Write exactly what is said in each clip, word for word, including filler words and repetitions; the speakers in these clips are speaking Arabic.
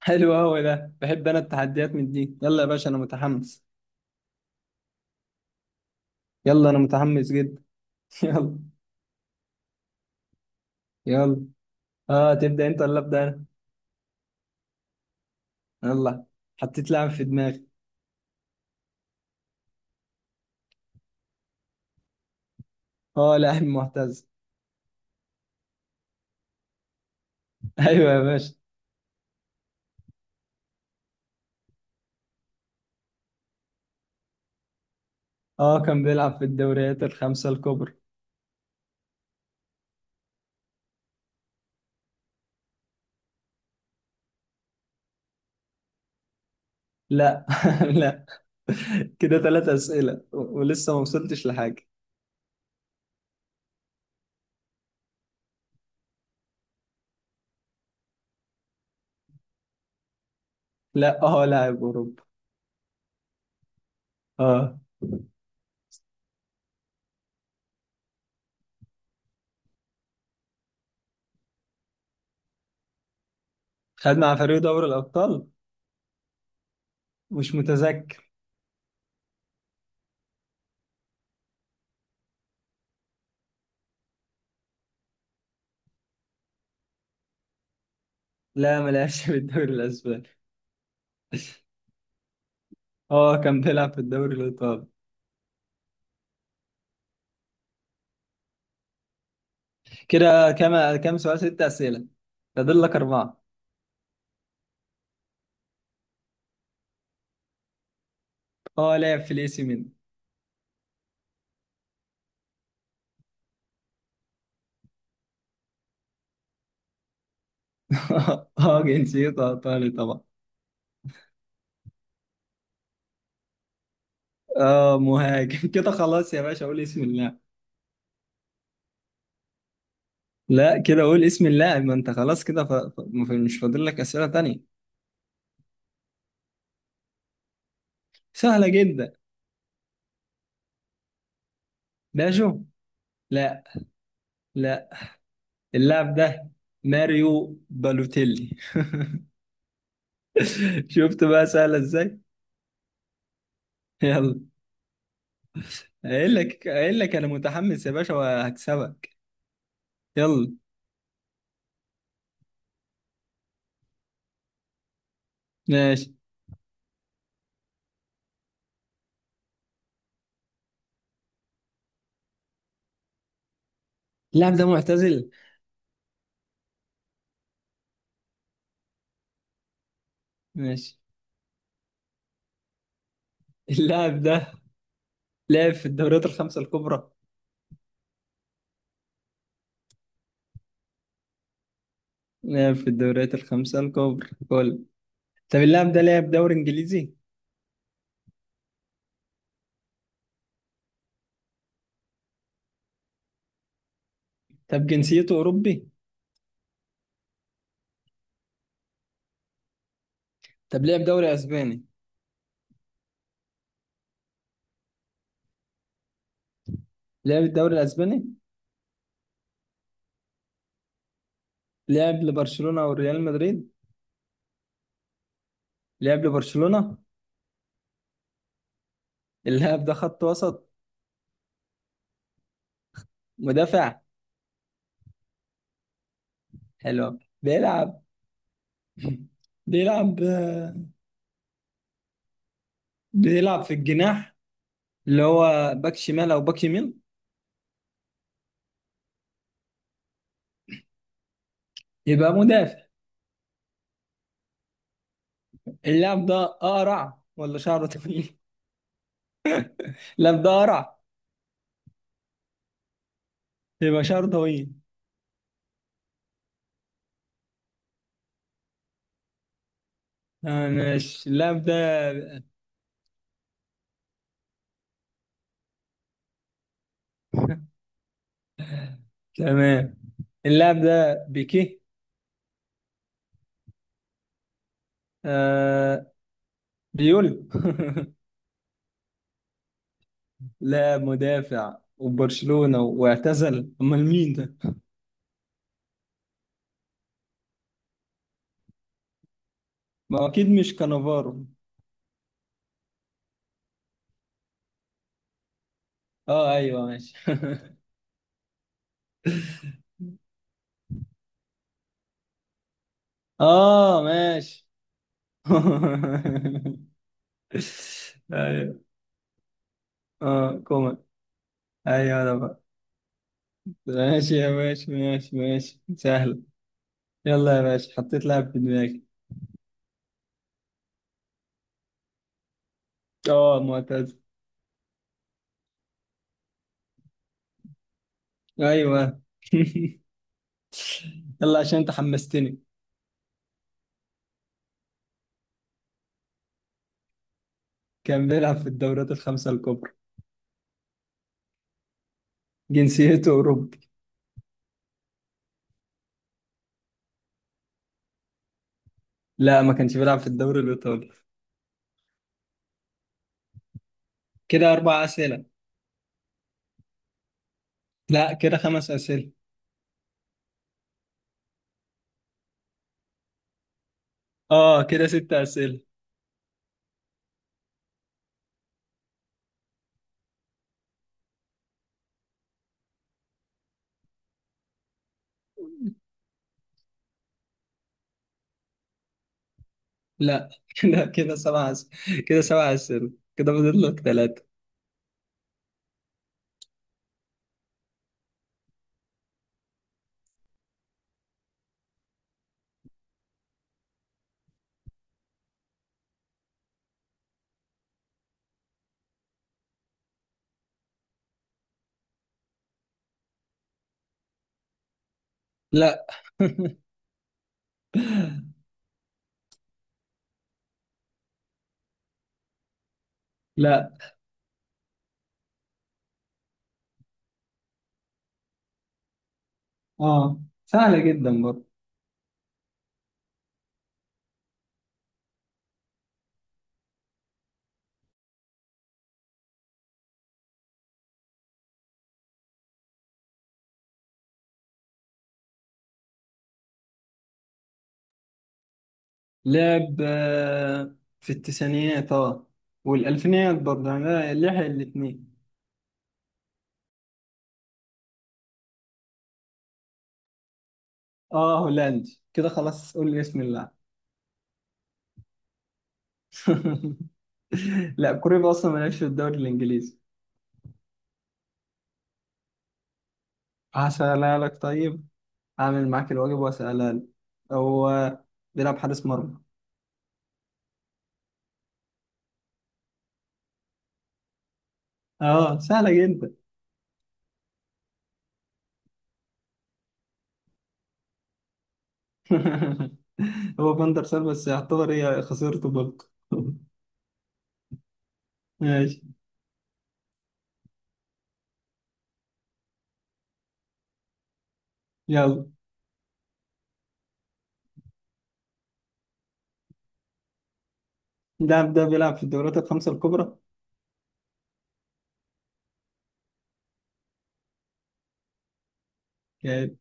حلو قوي ده، بحب انا التحديات من دي. يلا يا باشا، انا متحمس. يلا انا متحمس جدا. يلا. يلا، اه تبدا انت ولا ابدا انا؟ يلا، حطيت لاعب في دماغي. اه لاعب معتز. ايوه يا باشا. اه كان بيلعب في الدوريات الخمسه الكبرى. لا. لا. كده ثلاث اسئله و- ولسه ما وصلتش لحاجه. لا، اه لاعب اوروبا. اه خد مع فريق دوري الابطال. مش متذكر. لا ما لعبش في الدوري الاسباني. اه كان بيلعب في الدوري الايطالي. كده كم كم سؤال؟ ست أسئلة. فاضل لك أربعة. اه لاعب في الإي سي ميلان. اه جنسيته إيطالي طبعا. اه مهاجم. كده خلاص يا باشا، قول اسم اللاعب. لا كده قول اسم اللاعب، ما أنت خلاص كده ف... ف- مش فاضل لك أسئلة تانية. سهلة جدا. باجو. لا. لا. اللاعب ده ماريو بالوتيلي. شفت بقى سهلة إزاي. يلا. قايل لك قايل لك أنا متحمس يا باشا وهكسبك. يلا. ماشي، اللاعب ده معتزل. ماشي. اللاعب ده لعب في الدوريات الخمسة الكبرى. لعب في الدوريات الخمسة الكبرى كل طب اللاعب ده لعب دوري انجليزي؟ طب جنسيته اوروبي؟ طب لعب دوري اسباني؟ لعب الدوري الاسباني. لعب لبرشلونة او ريال مدريد؟ لعب لبرشلونة. اللاعب ده خط وسط؟ مدافع؟ حلو أوي. بيلعب. بيلعب. بيلعب في الجناح، اللي هو باك شمال او باك يمين؟ يبقى مدافع. اللاعب ده اقرع ولا شعره طويل؟ اللاعب ده اقرع؟ يبقى شعره طويل. آه ماشي، اللاعب ده. تمام. اللاعب ده بيكيه. آه. بيول. لاعب مدافع وبرشلونة واعتزل، امال مين ده؟ ما هو اكيد مش كانافارو. اه ايوه ماشي. اه ماشي. ايوه. اه كومان. ايوه ده بقى. ماشي يا باشا، ماشي ماشي سهل. يلا يا باشا، حطيت لاعب في دماغي. اه معتز. ايوه. يلا، عشان انت حمستني. كان بيلعب في الدورات الخمسة الكبرى. جنسيته أوروبي. لا ما كانش بيلعب في الدوري الإيطالي. كده أربع أسئلة. لا كده خمس أسئلة. آه كده ست أسئلة. لا. كده كده سبع أسئلة. كده سبع أسئلة. كده فاضل لك ثلاثة. لا. لا. آه سهلة جدا برضه. لعب آه، في التسعينيات، آه والألفينيات برضه، يعني لحق الاتنين. آه هولندي، كده خلاص قول لي اسم اللاعب. لا كوريا اصلا مالهاش في الدوري الانجليزي. هسألها لك طيب. هعمل معاك الواجب وهسألها لك. هو بيلعب حارس مرمى. اه سهلة جدا. هو فاندر سار، بس يعتبر هي خسرته برضه. ماشي. يلا. اللاعب ده بيلعب في الدوريات الخمسة الكبرى. كانت.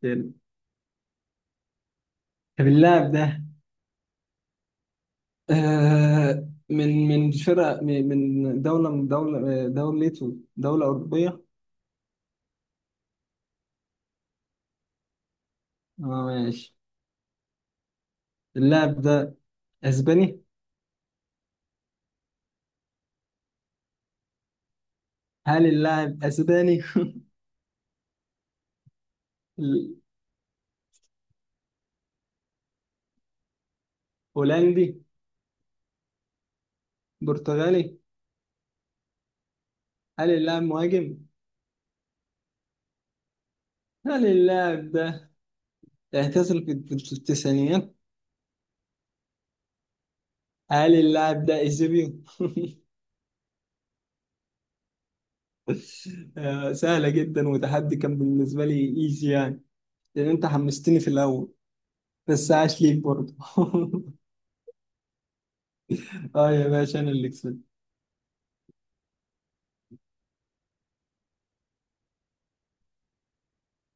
طب اللاعب ده آه من من فرقة من من دولة، من دولة آه، دولته دولة أوروبية. اه ماشي. اللاعب ده أسباني. هل اللاعب اسباني؟ هولندي؟ برتغالي؟ هل اللاعب مهاجم؟ هل اللاعب ده اعتزل في الت- في التسعينيات؟ هل اللاعب ده ايجيبيو؟ آه، سهلة جدا وتحدي كان بالنسبة لي. ايجي يعني. لان انت حمستني في الاول. بس عاش ليك برضه. اه يا باشا انا اللي كسبت.